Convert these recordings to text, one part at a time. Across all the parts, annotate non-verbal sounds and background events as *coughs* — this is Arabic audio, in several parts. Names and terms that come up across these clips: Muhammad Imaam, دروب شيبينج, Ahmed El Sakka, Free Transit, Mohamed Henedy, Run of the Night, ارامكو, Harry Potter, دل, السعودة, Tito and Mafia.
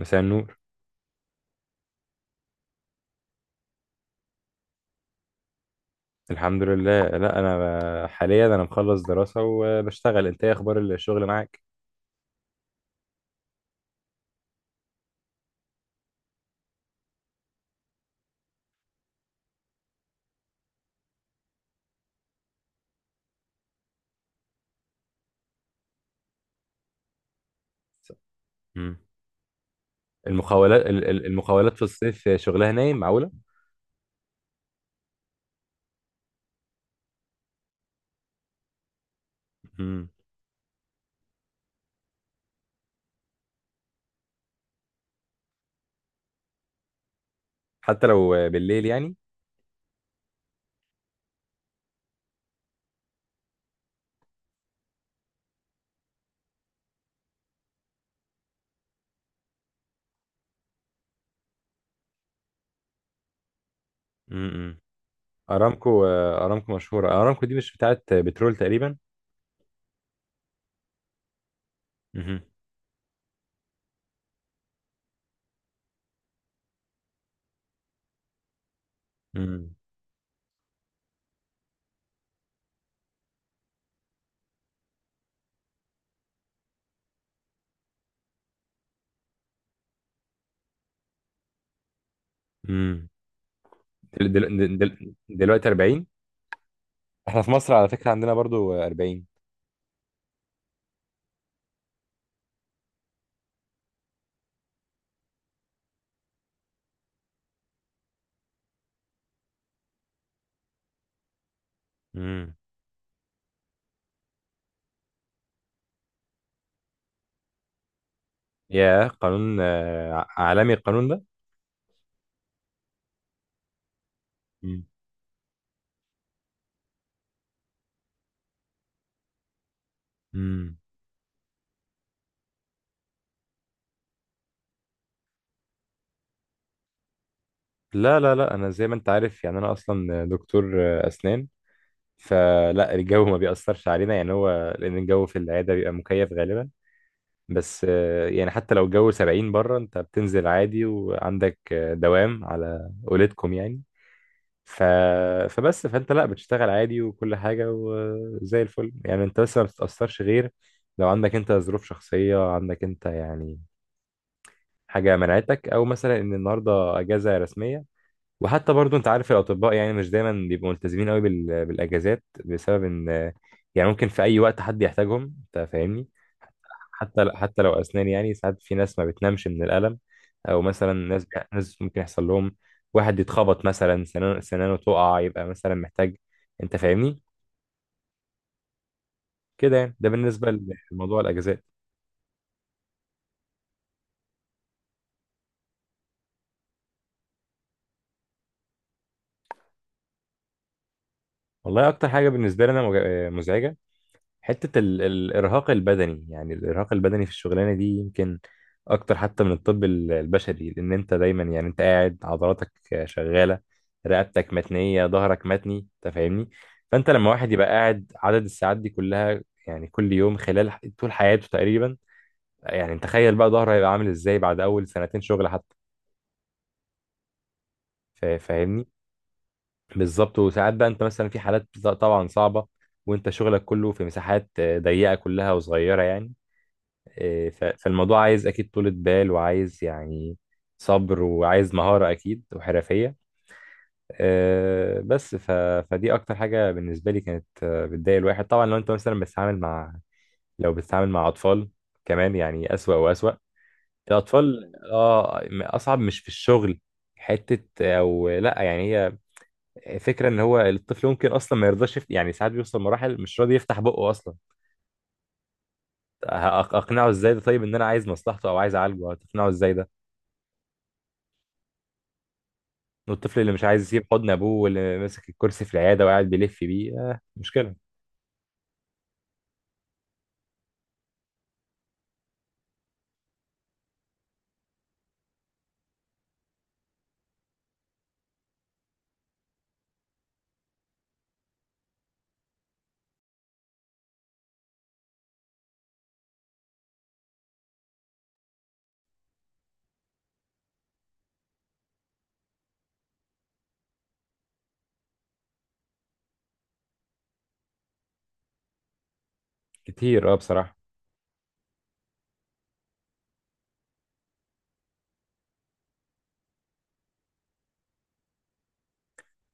مساء النور. الحمد لله. لا، انا حاليا انا مخلص دراسة وبشتغل. انت ايه اخبار الشغل معاك؟ مم. المخاولات المخاولات في الصيف شغلها نايم؟ معقولة. مم. حتى لو بالليل يعني. مم. ارامكو. ارامكو مشهورة، ارامكو دي مش بتاعت بترول تقريبا؟ مم. مم. مم. دل دل دل دلوقتي 40. احنا في مصر على فكرة عندنا برضو 40. مم. يا قانون عالمي القانون ده. مم. لا لا، انا زي ما انت عارف يعني انا اصلا دكتور اسنان، فلا الجو ما بيأثرش علينا يعني، هو لان الجو في العياده بيبقى مكيف غالبا. بس يعني حتى لو الجو 70 بره، انت بتنزل عادي وعندك دوام على اولادكم يعني. ف... فبس فانت لا بتشتغل عادي وكل حاجه وزي الفل يعني، انت بس ما بتتأثرش غير لو عندك انت ظروف شخصيه عندك انت يعني، حاجه منعتك او مثلا ان النهارده اجازه رسميه. وحتى برضو انت عارف الاطباء يعني مش دايما بيبقوا ملتزمين قوي بالاجازات، بسبب ان يعني ممكن في اي وقت حد يحتاجهم، انت فاهمني؟ حتى لو اسنان يعني، ساعات في ناس ما بتنامش من الالم، او مثلا ناس، ناس ممكن يحصل لهم واحد يتخبط مثلا سنانه، سنانه تقع، يبقى مثلا محتاج، انت فاهمني؟ كده يعني، ده بالنسبه لموضوع الاجازات. والله اكتر حاجه بالنسبه لي انا مزعجه، حتة الإرهاق البدني. يعني الإرهاق البدني في الشغلانة دي يمكن أكتر حتى من الطب البشري، لأن أنت دايما يعني أنت قاعد، عضلاتك شغالة، رقبتك متنية، ظهرك متني، أنت فاهمني؟ فأنت لما واحد يبقى قاعد عدد الساعات دي كلها يعني كل يوم خلال طول حياته تقريبا، يعني تخيل بقى ظهره هيبقى عامل إزاي بعد أول سنتين شغل حتى. فاهمني؟ بالظبط. وساعات بقى أنت مثلا في حالات طبعا صعبة، وأنت شغلك كله في مساحات ضيقة كلها وصغيرة يعني. إيه، فالموضوع عايز اكيد طولة بال، وعايز يعني صبر، وعايز مهارة اكيد وحرفية. آه، بس ف... فدي اكتر حاجة بالنسبة لي كانت بتضايق الواحد. طبعا لو انت مثلا بتتعامل مع، لو بتتعامل مع اطفال كمان يعني اسوأ واسوأ. الاطفال اه، اصعب. مش في الشغل، حتة، او لا يعني، هي فكرة ان هو الطفل ممكن اصلا ما يرضاش يعني، ساعات بيوصل مراحل مش راضي يفتح بقه اصلا. هأق- اقنعه ازاي ده؟ طيب ان انا عايز مصلحته او عايز اعالجه، هتقنعه ازاي ده؟ والطفل اللي مش عايز يسيب حضن ابوه، واللي ماسك الكرسي في العياده وقاعد بيلف بيه، آه مشكله. كتير اه بصراحه.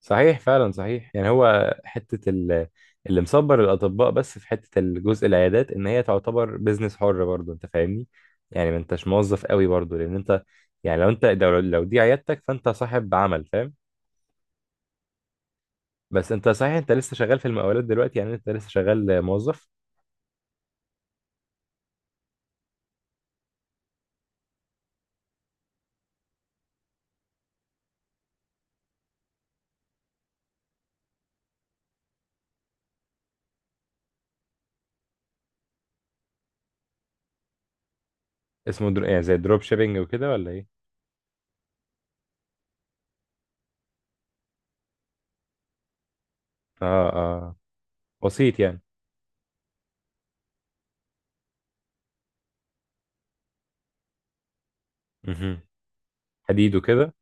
صحيح فعلا، صحيح. يعني هو حته اللي مصبر الاطباء بس في حته الجزء العيادات، ان هي تعتبر بيزنس حر برضه، انت فاهمني؟ يعني ما انتش موظف قوي برضه، لان انت يعني لو انت لو دي عيادتك فانت صاحب عمل، فاهم؟ بس انت صحيح، انت لسه شغال في المقاولات دلوقتي يعني، انت لسه شغال موظف. اسمه يعني زي دروب شيبينج وكده ولا ايه؟ اه اه. وسيط يعني. مهم. حديد وكده.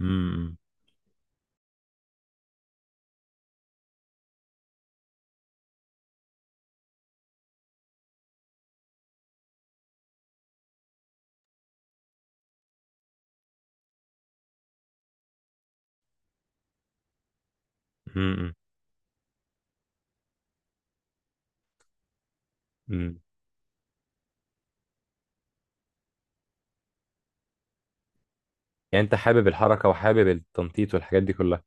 امم امم امم. امم. يعني انت حابب الحركه وحابب التنطيط والحاجات دي كلها.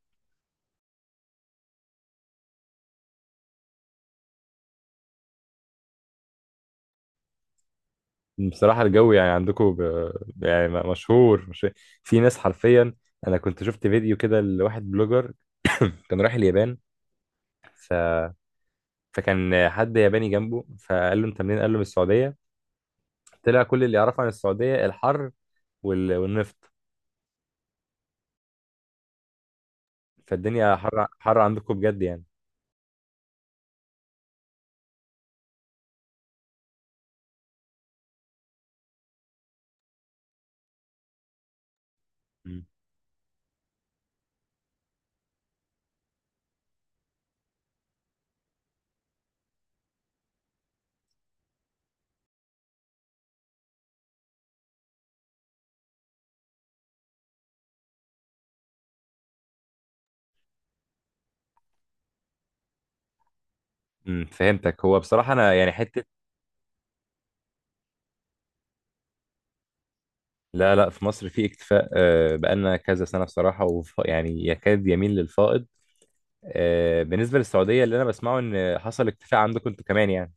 بصراحه الجو يعني عندكم يعني مشهور مش... في ناس حرفيا، انا كنت شفت فيديو كده لواحد بلوجر *coughs* كان رايح اليابان. ف... فكان حد ياباني جنبه فقال له انت منين، قال له من السعوديه، طلع كل اللي يعرفه عن السعوديه الحر والنفط. فالدنيا حر حر عندكم بجد يعني. امم. أمم، فهمتك. هو بصراحه انا يعني حته، لا لا، في مصر في اكتفاء. بقالنا كذا سنة بصراحة، يعني يكاد يميل للفائض. بالنسبة للسعودية اللي أنا بسمعه إن حصل اكتفاء عندكم أنتوا كمان يعني.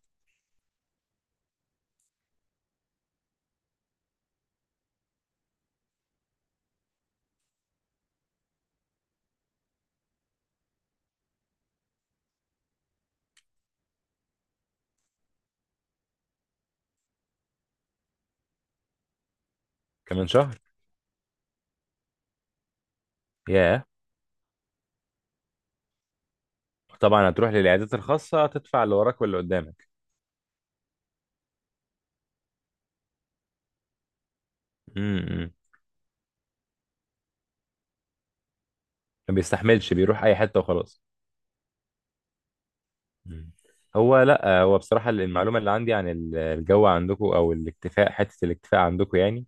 كمان شهر. ياه. طبعا هتروح للعيادات الخاصة، تدفع اللي وراك واللي قدامك. امم. ما بيستحملش، بيروح أي حتة وخلاص. مم. هو لا هو بصراحة المعلومة اللي عندي عن الجو عندكم أو الاكتفاء، حتة الاكتفاء عندكم يعني،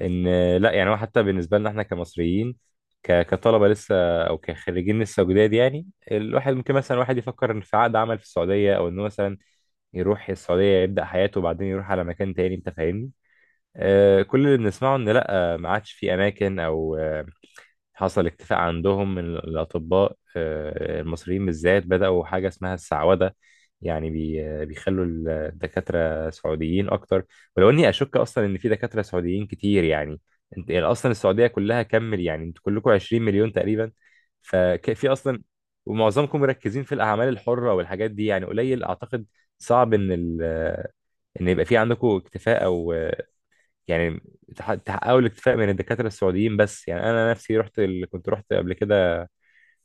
ان لا يعني هو حتى بالنسبه لنا احنا كمصريين، كطلبه لسه، او كخريجين لسه جداد يعني، الواحد ممكن مثلا واحد يفكر ان في عقد عمل في السعوديه، او انه مثلا يروح السعوديه يبدا حياته وبعدين يروح على مكان تاني، انت فاهمني؟ آه كل اللي بنسمعه ان لا، ما عادش في اماكن، او حصل اكتفاء عندهم من الأطباء المصريين بالذات، بدأوا حاجة اسمها السعودة، يعني بي آه، بيخلوا الدكاترة سعوديين أكتر. ولو إني أشك أصلا إن في دكاترة سعوديين كتير يعني، أنت يعني أصلا السعودية كلها كمل يعني أنتوا كلكم 20 مليون تقريبا، ففي أصلا، ومعظمكم مركزين في الأعمال الحرة والحاجات دي، يعني قليل أعتقد، صعب إن ال آه، إن يبقى في عندكم اكتفاء، أو يعني تحققوا الاكتفاء من الدكاترة السعوديين بس يعني. أنا نفسي رحت كنت رحت قبل كده،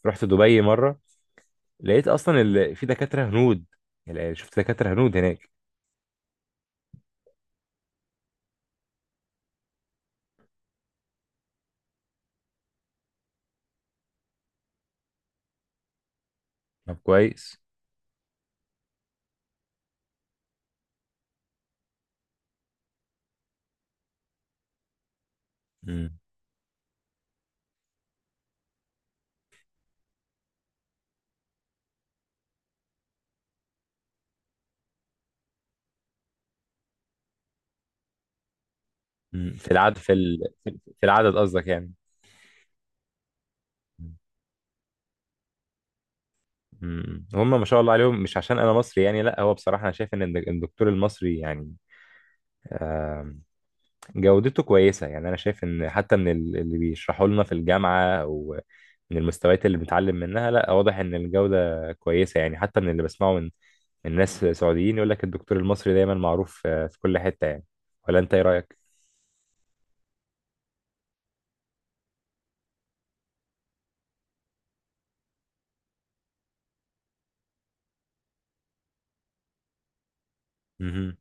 رحت دبي مرة، لقيت أصلا في دكاترة هنود، يعني شفت دكاترة هنود هناك. طب كويس. مم. مم. في العدد في في العدد قصدك يعني. مم. هم ما شاء الله عليهم. مش عشان أنا مصري يعني، لا هو بصراحة أنا شايف إن الدكتور المصري يعني جودته كويسة. يعني أنا شايف إن حتى من اللي بيشرحوا لنا في الجامعة، أو من المستويات اللي بنتعلم منها، لا واضح إن الجودة كويسة يعني. حتى من اللي بسمعه من، من ناس سعوديين، يقول لك الدكتور المصري دايما معروف في كل حتة يعني. ولا أنت إيه رأيك؟ مهم.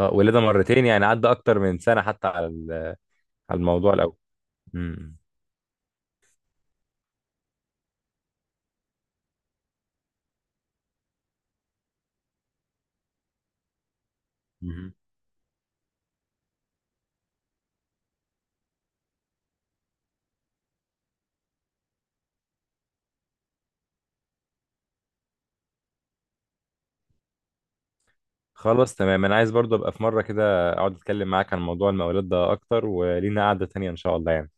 أه ولادة مرتين يعني عدى أكتر من سنة حتى على على الموضوع الأول. مم. مهم. خلاص تمام، أنا عايز برضه أبقى في مرة كده أقعد أتكلم معاك عن موضوع المقاولات ده أكتر، ولينا قعدة تانية إن شاء الله يعني.